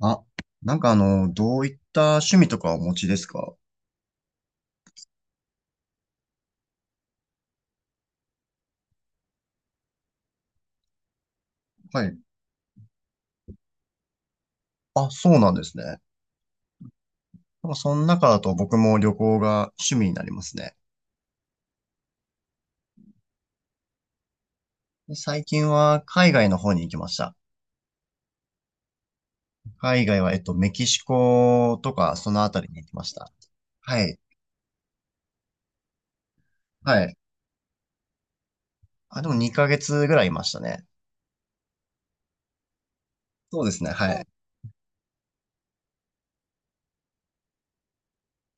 あ、どういった趣味とかお持ちですか？はい。あ、そうなんですね。なんかその中だと僕も旅行が趣味になりますね。で最近は海外の方に行きました。海外は、メキシコとか、そのあたりに行きました。はい。はい。あ、でも2ヶ月ぐらいいましたね。そうですね、はい。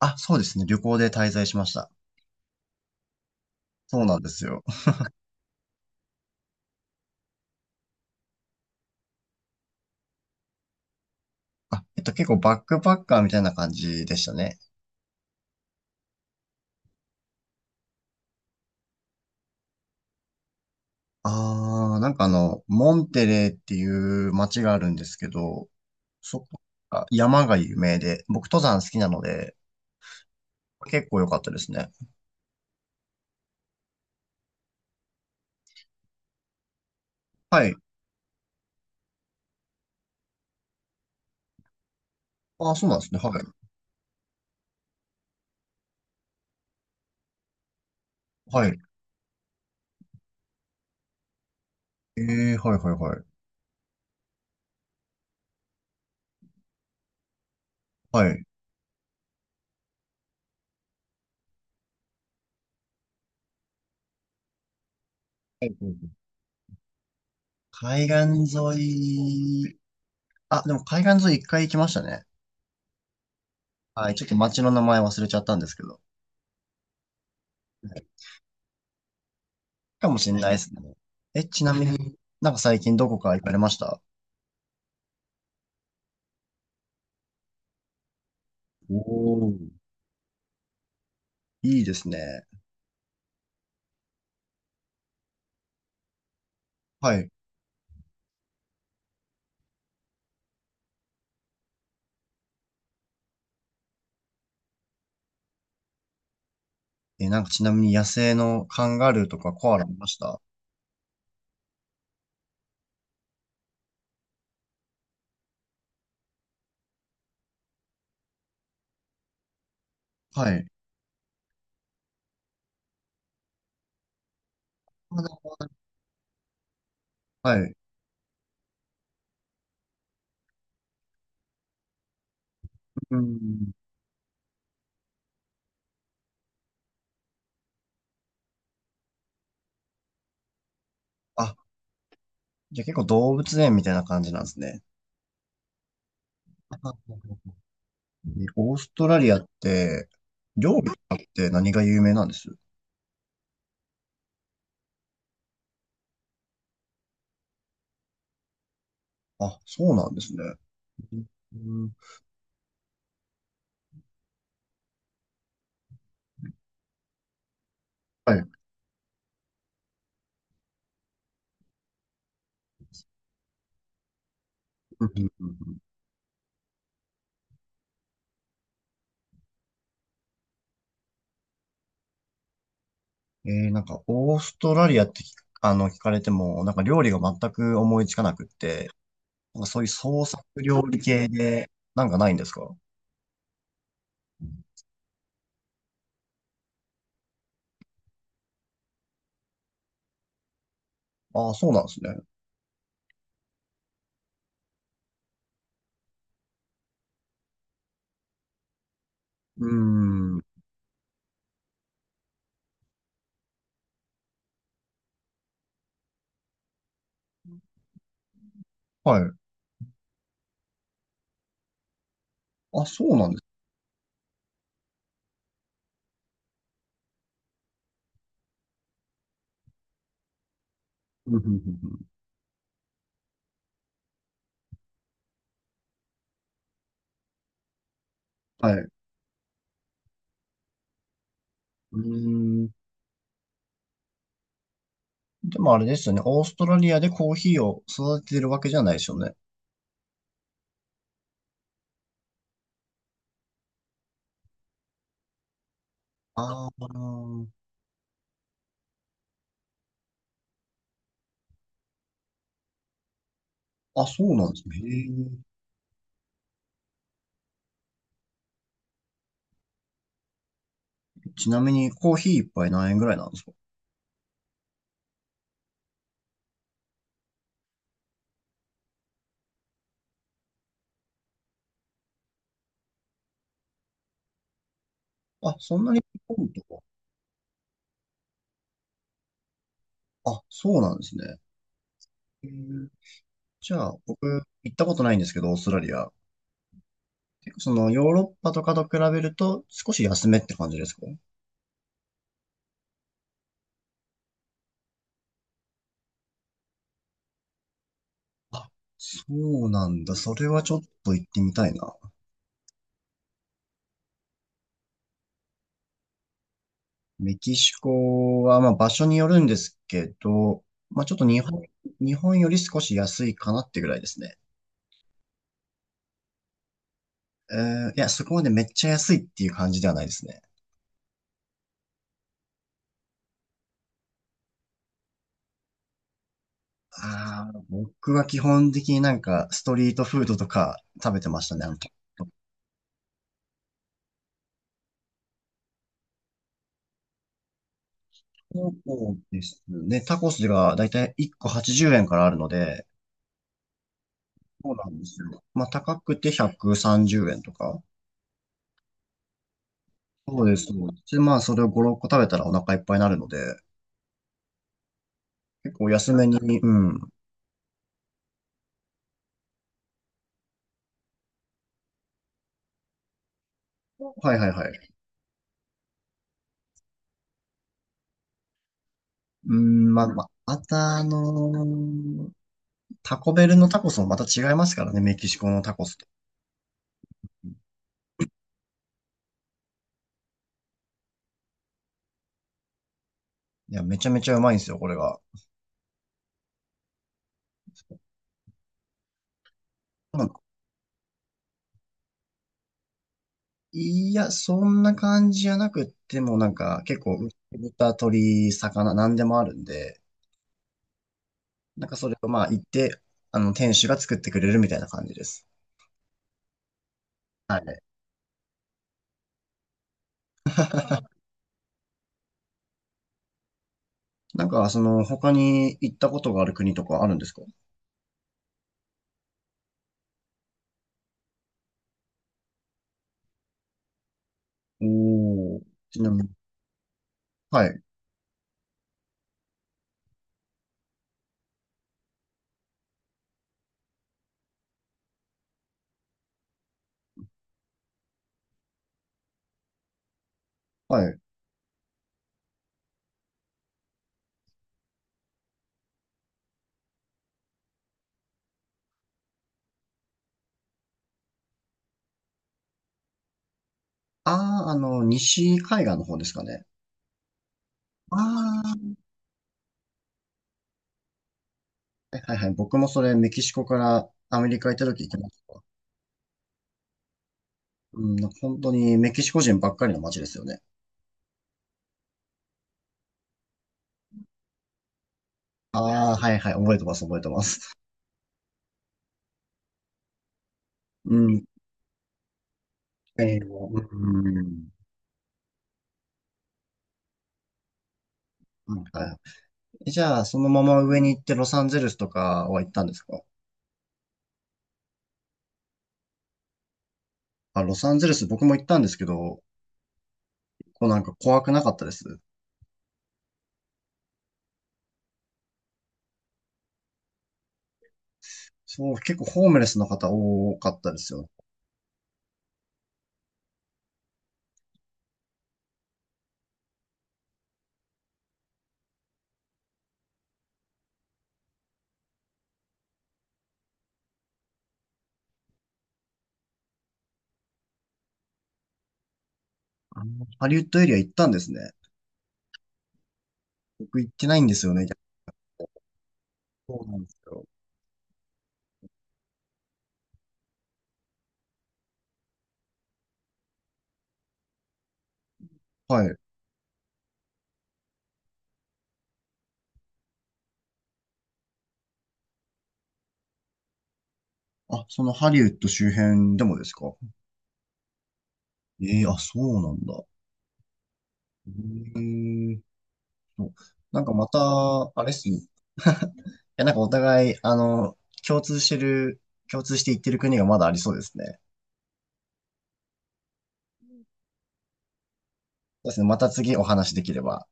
あ、そうですね。旅行で滞在しました。そうなんですよ。あ、結構バックパッカーみたいな感じでしたね。ああ、モンテレーっていう街があるんですけど、そこが山が有名で、僕登山好きなので、結構良かったですね。はい。ああ、そうなんですね。はい。はい。ええ、はいはいはい。はい。はい。海岸沿い、あ、でも海岸沿い一回行きましたね。はい。ちょっと街の名前忘れちゃったんですけど。はい、かもしれないですね。え、ちなみになんか最近どこか行かれました？お、おー。いいですね。はい。え、なんかちなみに野生のカンガルーとかコアラいました？はい。まだ、はい。うん。あ、じゃあ結構動物園みたいな感じなんですね。え、オーストラリアって、料理とかって何が有名なんです？あ、そうなんですね。うん、はい。うん。えー、なんか、オーストラリアって聞く、あの、聞かれても、なんか料理が全く思いつかなくって、なんかそういう創作料理系で、なんかないんですか？ああー、そうなんですね。うーん。はい。あ、そうなんです。うんうんうん。うん、はい。うーん。でもあれですよね。オーストラリアでコーヒーを育ててるわけじゃないですよね。ああ。あ、そうなんですね。へえ。ちなみにコーヒー一杯何円ぐらいなんですか？あ、そんなに日本とか。あ、そうなんですね。へえ。じゃあ、僕、行ったことないんですけど、オーストラリア。結構その、ヨーロッパとかと比べると、少し安めって感じですか？あ、そうなんだ。それはちょっと行ってみたいな。メキシコは、まあ、場所によるんですけど、まあ、ちょっと日本、より少し安いかなってぐらいですね。えー、いや、そこまでめっちゃ安いっていう感じではないですね。ああ、僕は基本的になんかストリートフードとか食べてましたね。あのタコですね。タコスがだいたい1個80円からあるので、そうなんですよ。まあ、高くて130円とか。そうです、そうです。で、まあ、それを5、6個食べたらお腹いっぱいになるので、結構安めに、うん。はいはいはい。うん、まあ、まあ、また、あのー、タコベルのタコスもまた違いますからね、メキシコのタコスと。いや、めちゃめちゃうまいんですよ、これが。まあ、いや、そんな感じじゃなくっても、なんか、結構、豚、鳥、魚、なんでもあるんで、なんかそれをまあ、行って、あの、店主が作ってくれるみたいな感じです。はい。なんか、その、他に行ったことがある国とかあるんですか？おー、ちなみに。はい、はい。ああ、あの、西海岸の方ですかね。ああ、はいはい。僕もそれメキシコからアメリカ行った時行きました。うん、本当にメキシコ人ばっかりの街ですよね。ああ、はいはい。覚えてます、覚えてます。うん。えー、うん。うん、はい。じゃあ、そのまま上に行ってロサンゼルスとかは行ったんですか？あ、ロサンゼルス僕も行ったんですけど、こうなんか怖くなかったです？そう、結構ホームレスの方多かったですよ。あのハリウッドエリア行ったんですね。僕行ってないんですよね。そうなんですよ。はい。あ、そのハリウッド周辺でもですか？ええ、あ、そうなんだ。ええ、そう、なんかまた、あれっすね。いや、なんかお互い、あの、共通してる、共通して言ってる国がまだありそうですね。そうですね。また次お話できれば。